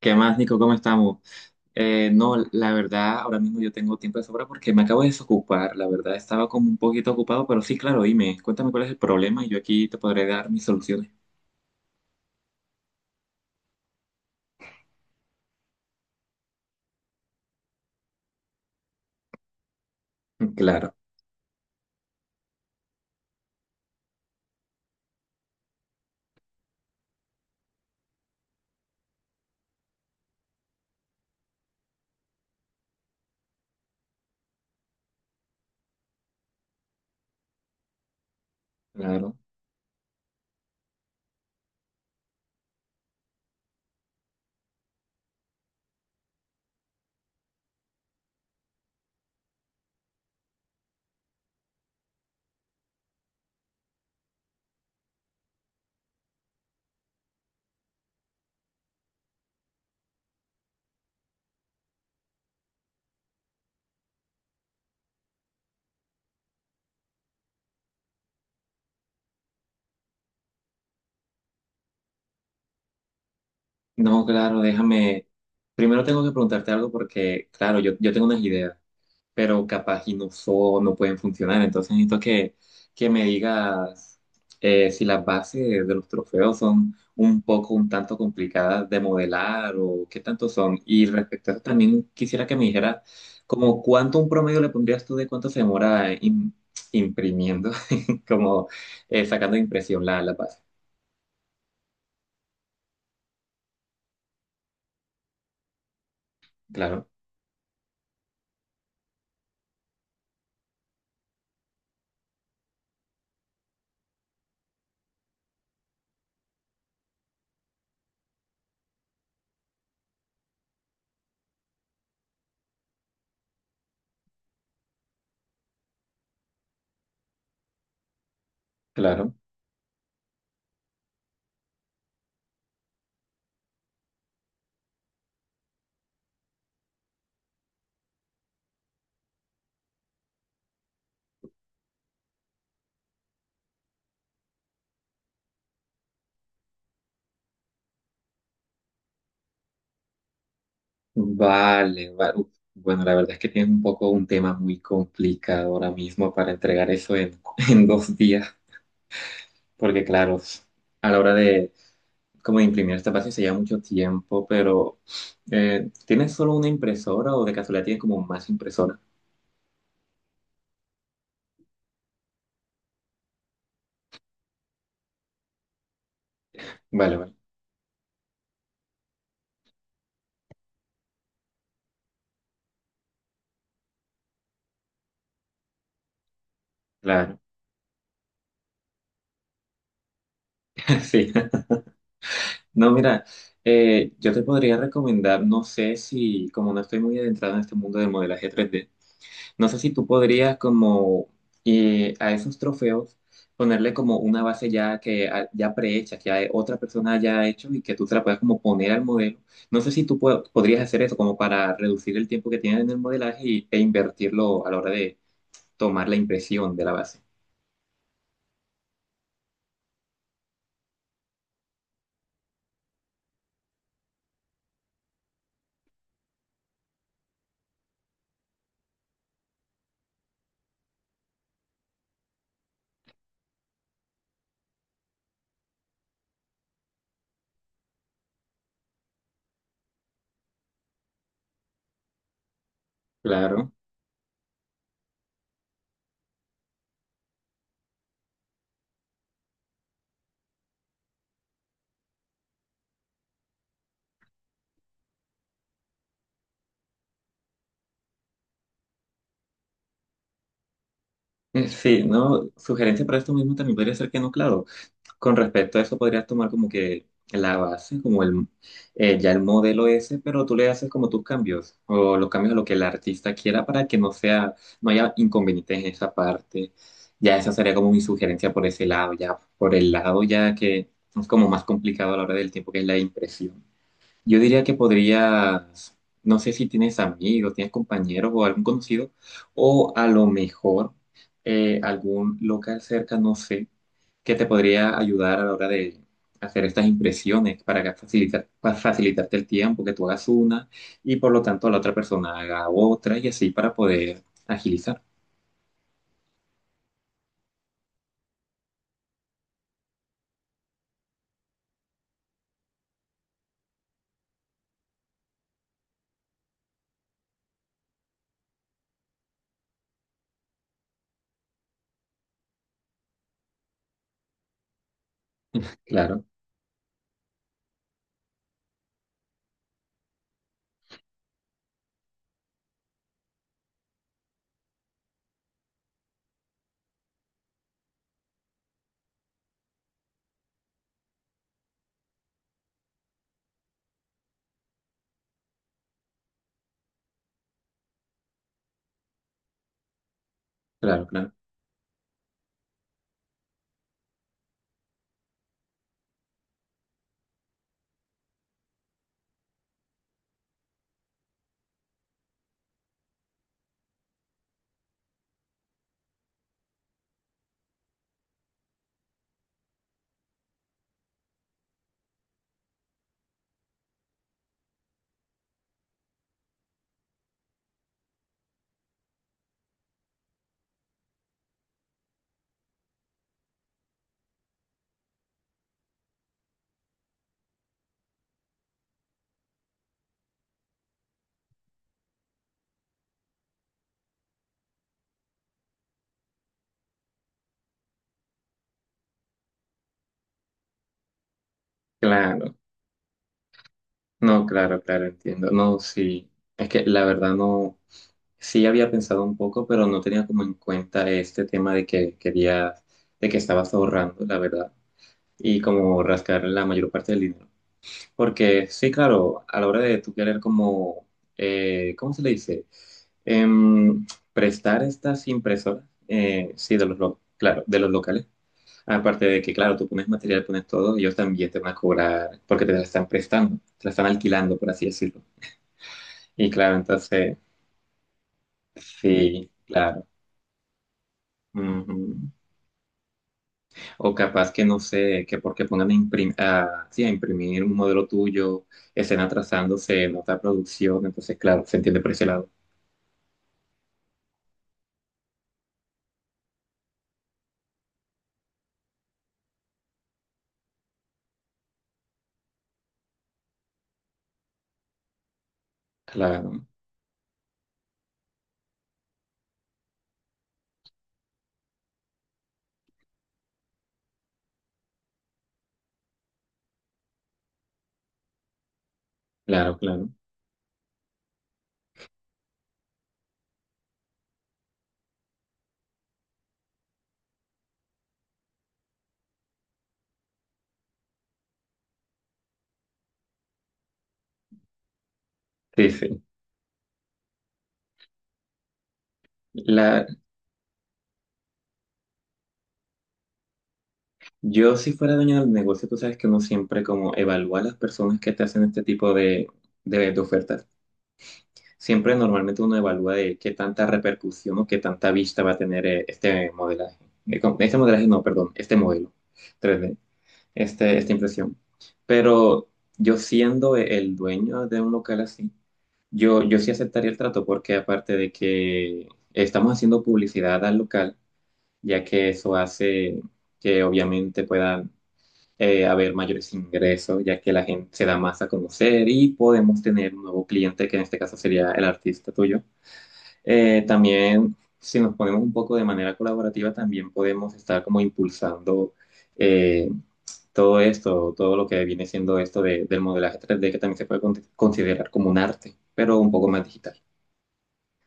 ¿Qué más, Nico? ¿Cómo estamos? No, la verdad, ahora mismo yo tengo tiempo de sobra porque me acabo de desocupar. La verdad, estaba como un poquito ocupado, pero sí, claro, dime, cuéntame cuál es el problema y yo aquí te podré dar mis soluciones. Claro, claro. No, claro, déjame. Primero tengo que preguntarte algo porque, claro, yo tengo unas ideas, pero capaz y no, son no pueden funcionar. Entonces necesito que me digas, si las bases de los trofeos son un poco, un tanto complicadas de modelar o qué tanto son. Y respecto a eso también quisiera que me dijeras como cuánto un promedio le pondrías tú de cuánto se demora imprimiendo, como, sacando de impresión la base. Claro, claro. Vale, bueno, la verdad es que tienes un poco un tema muy complicado ahora mismo para entregar eso en, en dos días, porque claro, a la hora de como de imprimir esta base se lleva mucho tiempo, pero, ¿tienes solo una impresora o de casualidad tienes como más impresora? Vale, vale, claro, sí. No, mira, yo te podría recomendar, no sé si como no estoy muy adentrado en este mundo del modelaje 3D. No sé si tú podrías como, a esos trofeos ponerle como una base ya que ah, ya prehecha, que ya otra persona ya ha hecho y que tú se la puedas como poner al modelo. No sé si tú podrías hacer eso como para reducir el tiempo que tienes en el modelaje y- e invertirlo a la hora de tomar la impresión de la base. Claro. Sí, ¿no? Sugerencia para esto mismo también podría ser que no, claro. Con respecto a eso, podrías tomar como que la base, como el, ya el modelo ese, pero tú le haces como tus cambios o los cambios a lo que el artista quiera para que no sea, no haya inconvenientes en esa parte. Ya esa sería como mi sugerencia por ese lado, ya por el lado ya que es como más complicado a la hora del tiempo, que es la impresión. Yo diría que podrías, no sé si tienes amigos, tienes compañeros o algún conocido, o a lo mejor, algún local cerca, no sé, que te podría ayudar a la hora de hacer estas impresiones para que facilitar, para facilitarte el tiempo, que tú hagas una y por lo tanto la otra persona haga otra y así para poder agilizar. Claro, claro, claro, claro. No, claro, claro, entiendo. No, sí. Es que la verdad no, sí había pensado un poco, pero no tenía como en cuenta este tema de que querías, de que estabas ahorrando, la verdad, y como rascar la mayor parte del dinero. Porque sí, claro, a la hora de tú querer como, ¿cómo se le dice? Em, prestar estas impresoras, sí, de los, claro, de los locales. Aparte de que, claro, tú pones material, pones todo, ellos también te van a cobrar porque te la están prestando, te la están alquilando, por así decirlo. Y claro, entonces, sí, claro. Ujú. O capaz que no sé, que porque pongan a, sí, a imprimir un modelo tuyo, estén trazándose en otra producción, entonces, claro, se entiende por ese lado. Claro, claro, claro. Sí, sí. La, yo si fuera dueño del negocio, tú sabes que uno siempre como evalúa a las personas que te hacen este tipo de, de ofertas. Siempre normalmente uno evalúa de qué tanta repercusión o qué tanta vista va a tener, este modelaje. Este modelaje, no, perdón, este modelo 3D, este, esta impresión. Pero yo siendo el dueño de un local así, yo sí aceptaría el trato porque aparte de que estamos haciendo publicidad al local, ya que eso hace que obviamente puedan, haber mayores ingresos, ya que la gente se da más a conocer y podemos tener un nuevo cliente, que en este caso sería el artista tuyo. También, si nos ponemos un poco de manera colaborativa, también podemos estar como impulsando, eh, todo esto, todo lo que viene siendo esto del modelaje 3D, que también se puede considerar como un arte, pero un poco más digital.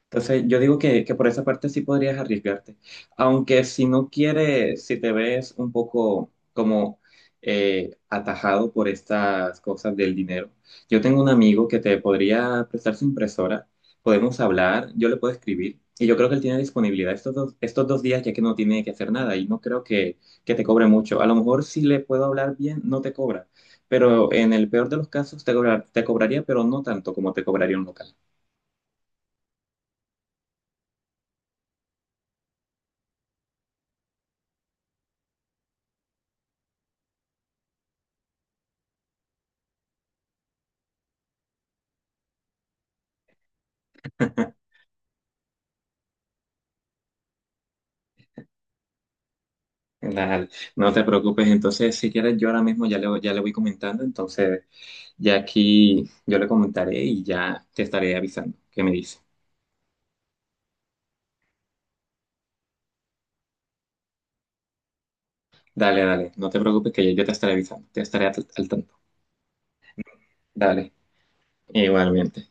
Entonces, yo digo que por esa parte sí podrías arriesgarte. Aunque si no quieres, si te ves un poco como, atajado por estas cosas del dinero, yo tengo un amigo que te podría prestar su impresora, podemos hablar, yo le puedo escribir y yo creo que él tiene disponibilidad estos dos días ya que no tiene que hacer nada y no creo que te cobre mucho. A lo mejor si le puedo hablar bien, no te cobra, pero en el peor de los casos te te cobraría, pero no tanto como te cobraría un local. Dale, no te preocupes. Entonces, si quieres, yo ahora mismo ya ya le voy comentando. Entonces, ya aquí yo le comentaré y ya te estaré avisando. ¿Qué me dice? Dale, dale. No te preocupes que yo te estaré avisando. Te estaré al tanto. Dale. Igualmente.